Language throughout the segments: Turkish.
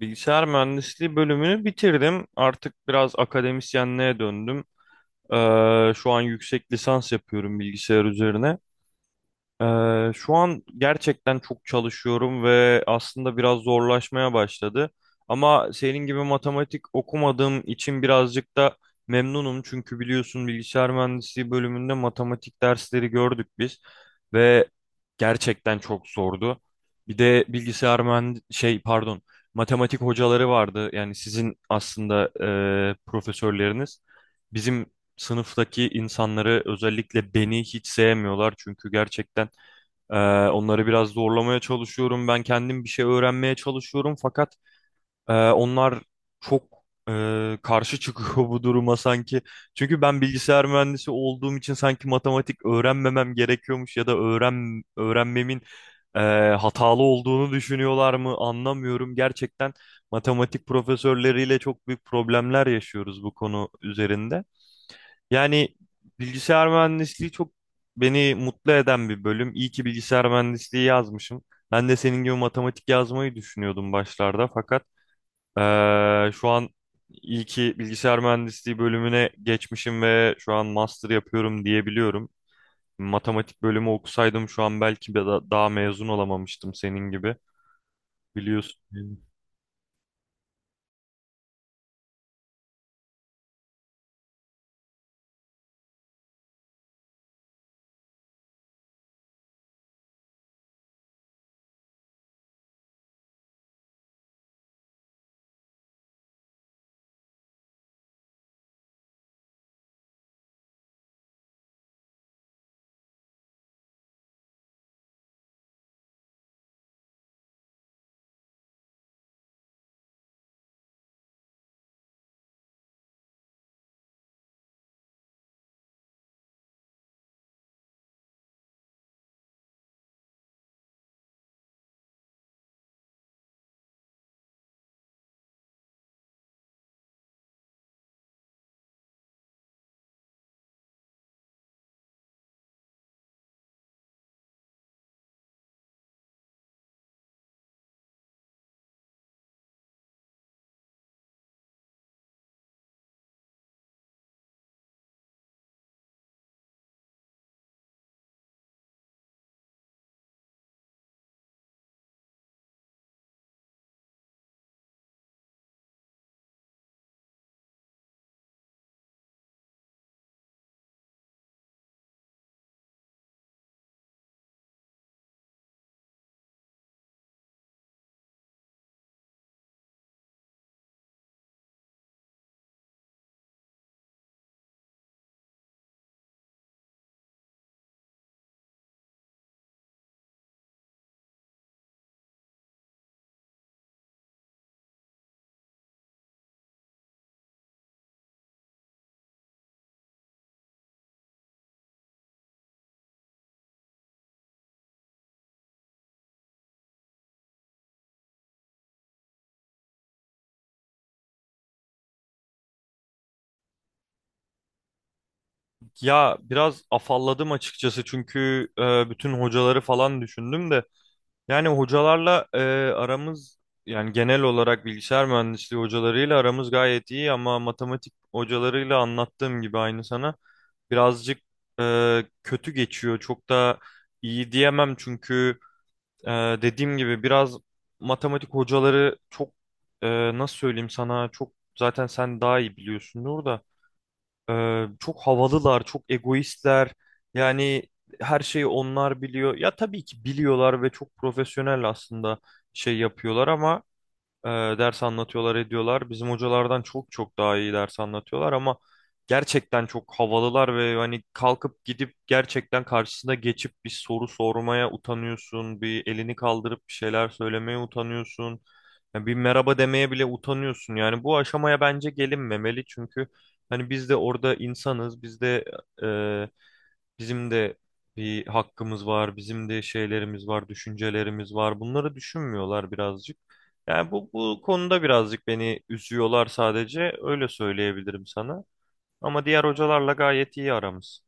Bilgisayar mühendisliği bölümünü bitirdim. Artık biraz akademisyenliğe döndüm. Şu an yüksek lisans yapıyorum bilgisayar üzerine. Şu an gerçekten çok çalışıyorum ve aslında biraz zorlaşmaya başladı. Ama senin gibi matematik okumadığım için birazcık da memnunum. Çünkü biliyorsun bilgisayar mühendisliği bölümünde matematik dersleri gördük biz ve gerçekten çok zordu. Bir de bilgisayar mühend şey, pardon, matematik hocaları vardı. Yani sizin aslında profesörleriniz bizim sınıftaki insanları, özellikle beni, hiç sevmiyorlar. Çünkü gerçekten e, onları biraz zorlamaya çalışıyorum. Ben kendim bir şey öğrenmeye çalışıyorum fakat onlar çok karşı çıkıyor bu duruma sanki. Çünkü ben bilgisayar mühendisi olduğum için sanki matematik öğrenmemem gerekiyormuş ya da öğrenmemin e, hatalı olduğunu düşünüyorlar mı anlamıyorum. Gerçekten matematik profesörleriyle çok büyük problemler yaşıyoruz bu konu üzerinde. Yani bilgisayar mühendisliği çok beni mutlu eden bir bölüm. İyi ki bilgisayar mühendisliği yazmışım. Ben de senin gibi matematik yazmayı düşünüyordum başlarda fakat şu an ilki bilgisayar mühendisliği bölümüne geçmişim ve şu an master yapıyorum diyebiliyorum. Matematik bölümü okusaydım şu an belki daha mezun olamamıştım senin gibi, biliyorsun. Ya biraz afalladım açıkçası çünkü bütün hocaları falan düşündüm de. Yani hocalarla aramız, yani genel olarak bilgisayar mühendisliği hocalarıyla aramız gayet iyi, ama matematik hocalarıyla anlattığım gibi aynı sana. Birazcık kötü geçiyor. Çok da iyi diyemem çünkü e, dediğim gibi biraz matematik hocaları çok, nasıl söyleyeyim sana, çok, zaten sen daha iyi biliyorsundur da, e, çok havalılar, çok egoistler. Yani her şeyi onlar biliyor. Ya tabii ki biliyorlar ve çok profesyonel aslında şey yapıyorlar ama e, ders anlatıyorlar, ediyorlar. Bizim hocalardan çok çok daha iyi ders anlatıyorlar ama gerçekten çok havalılar ve hani kalkıp gidip gerçekten karşısına geçip bir soru sormaya utanıyorsun. Bir elini kaldırıp bir şeyler söylemeye utanıyorsun. Ya bir merhaba demeye bile utanıyorsun. Yani bu aşamaya bence gelinmemeli çünkü hani biz de orada insanız. Biz de, e, bizim de bir hakkımız var, bizim de şeylerimiz var, düşüncelerimiz var. Bunları düşünmüyorlar birazcık. Yani bu konuda birazcık beni üzüyorlar sadece. Öyle söyleyebilirim sana. Ama diğer hocalarla gayet iyi aramız.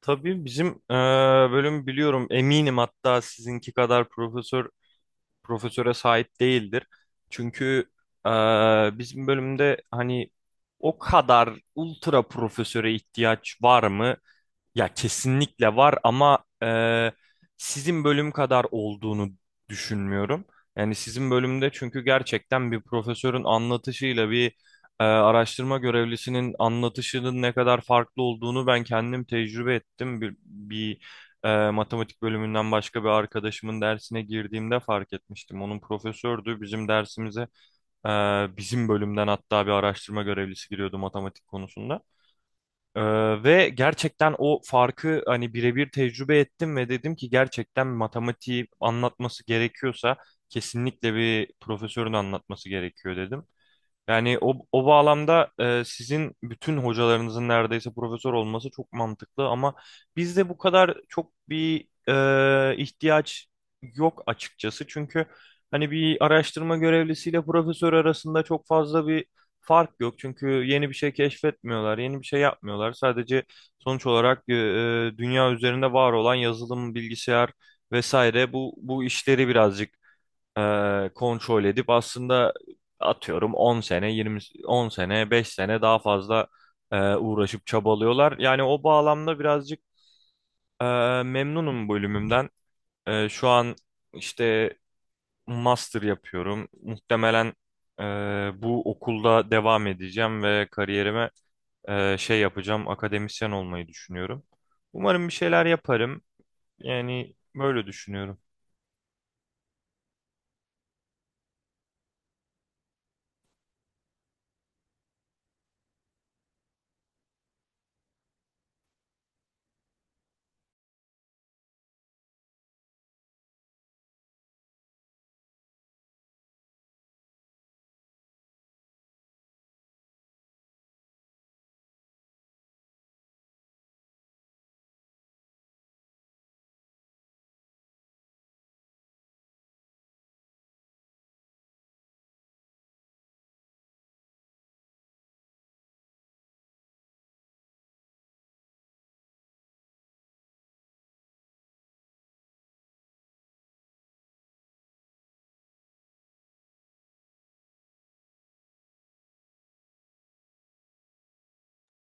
Tabii bizim bölüm, biliyorum eminim, hatta sizinki kadar profesöre sahip değildir. Çünkü bizim bölümde hani o kadar ultra profesöre ihtiyaç var mı? Ya kesinlikle var ama sizin bölüm kadar olduğunu düşünmüyorum. Yani sizin bölümde çünkü gerçekten bir profesörün anlatışıyla bir araştırma görevlisinin anlatışının ne kadar farklı olduğunu ben kendim tecrübe ettim. Bir matematik bölümünden başka bir arkadaşımın dersine girdiğimde fark etmiştim. Onun profesördü, bizim dersimize e, bizim bölümden hatta bir araştırma görevlisi giriyordu matematik konusunda. Ee, Ve gerçekten o farkı hani birebir tecrübe ettim ve dedim ki gerçekten matematiği anlatması gerekiyorsa kesinlikle bir profesörün anlatması gerekiyor, dedim. Yani o bağlamda sizin bütün hocalarınızın neredeyse profesör olması çok mantıklı ama bizde bu kadar çok bir ihtiyaç yok açıkçası. Çünkü hani bir araştırma görevlisiyle profesör arasında çok fazla bir fark yok. Çünkü yeni bir şey keşfetmiyorlar, yeni bir şey yapmıyorlar. Sadece sonuç olarak dünya üzerinde var olan yazılım, bilgisayar vesaire bu işleri birazcık kontrol edip, aslında atıyorum 10 sene 20, 10 sene 5 sene daha fazla uğraşıp çabalıyorlar. Yani o bağlamda birazcık e, memnunum bölümümden. Şu an işte master yapıyorum. Muhtemelen e, bu okulda devam edeceğim ve kariyerime şey yapacağım, akademisyen olmayı düşünüyorum. Umarım bir şeyler yaparım. Yani böyle düşünüyorum.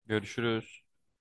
Görüşürüz.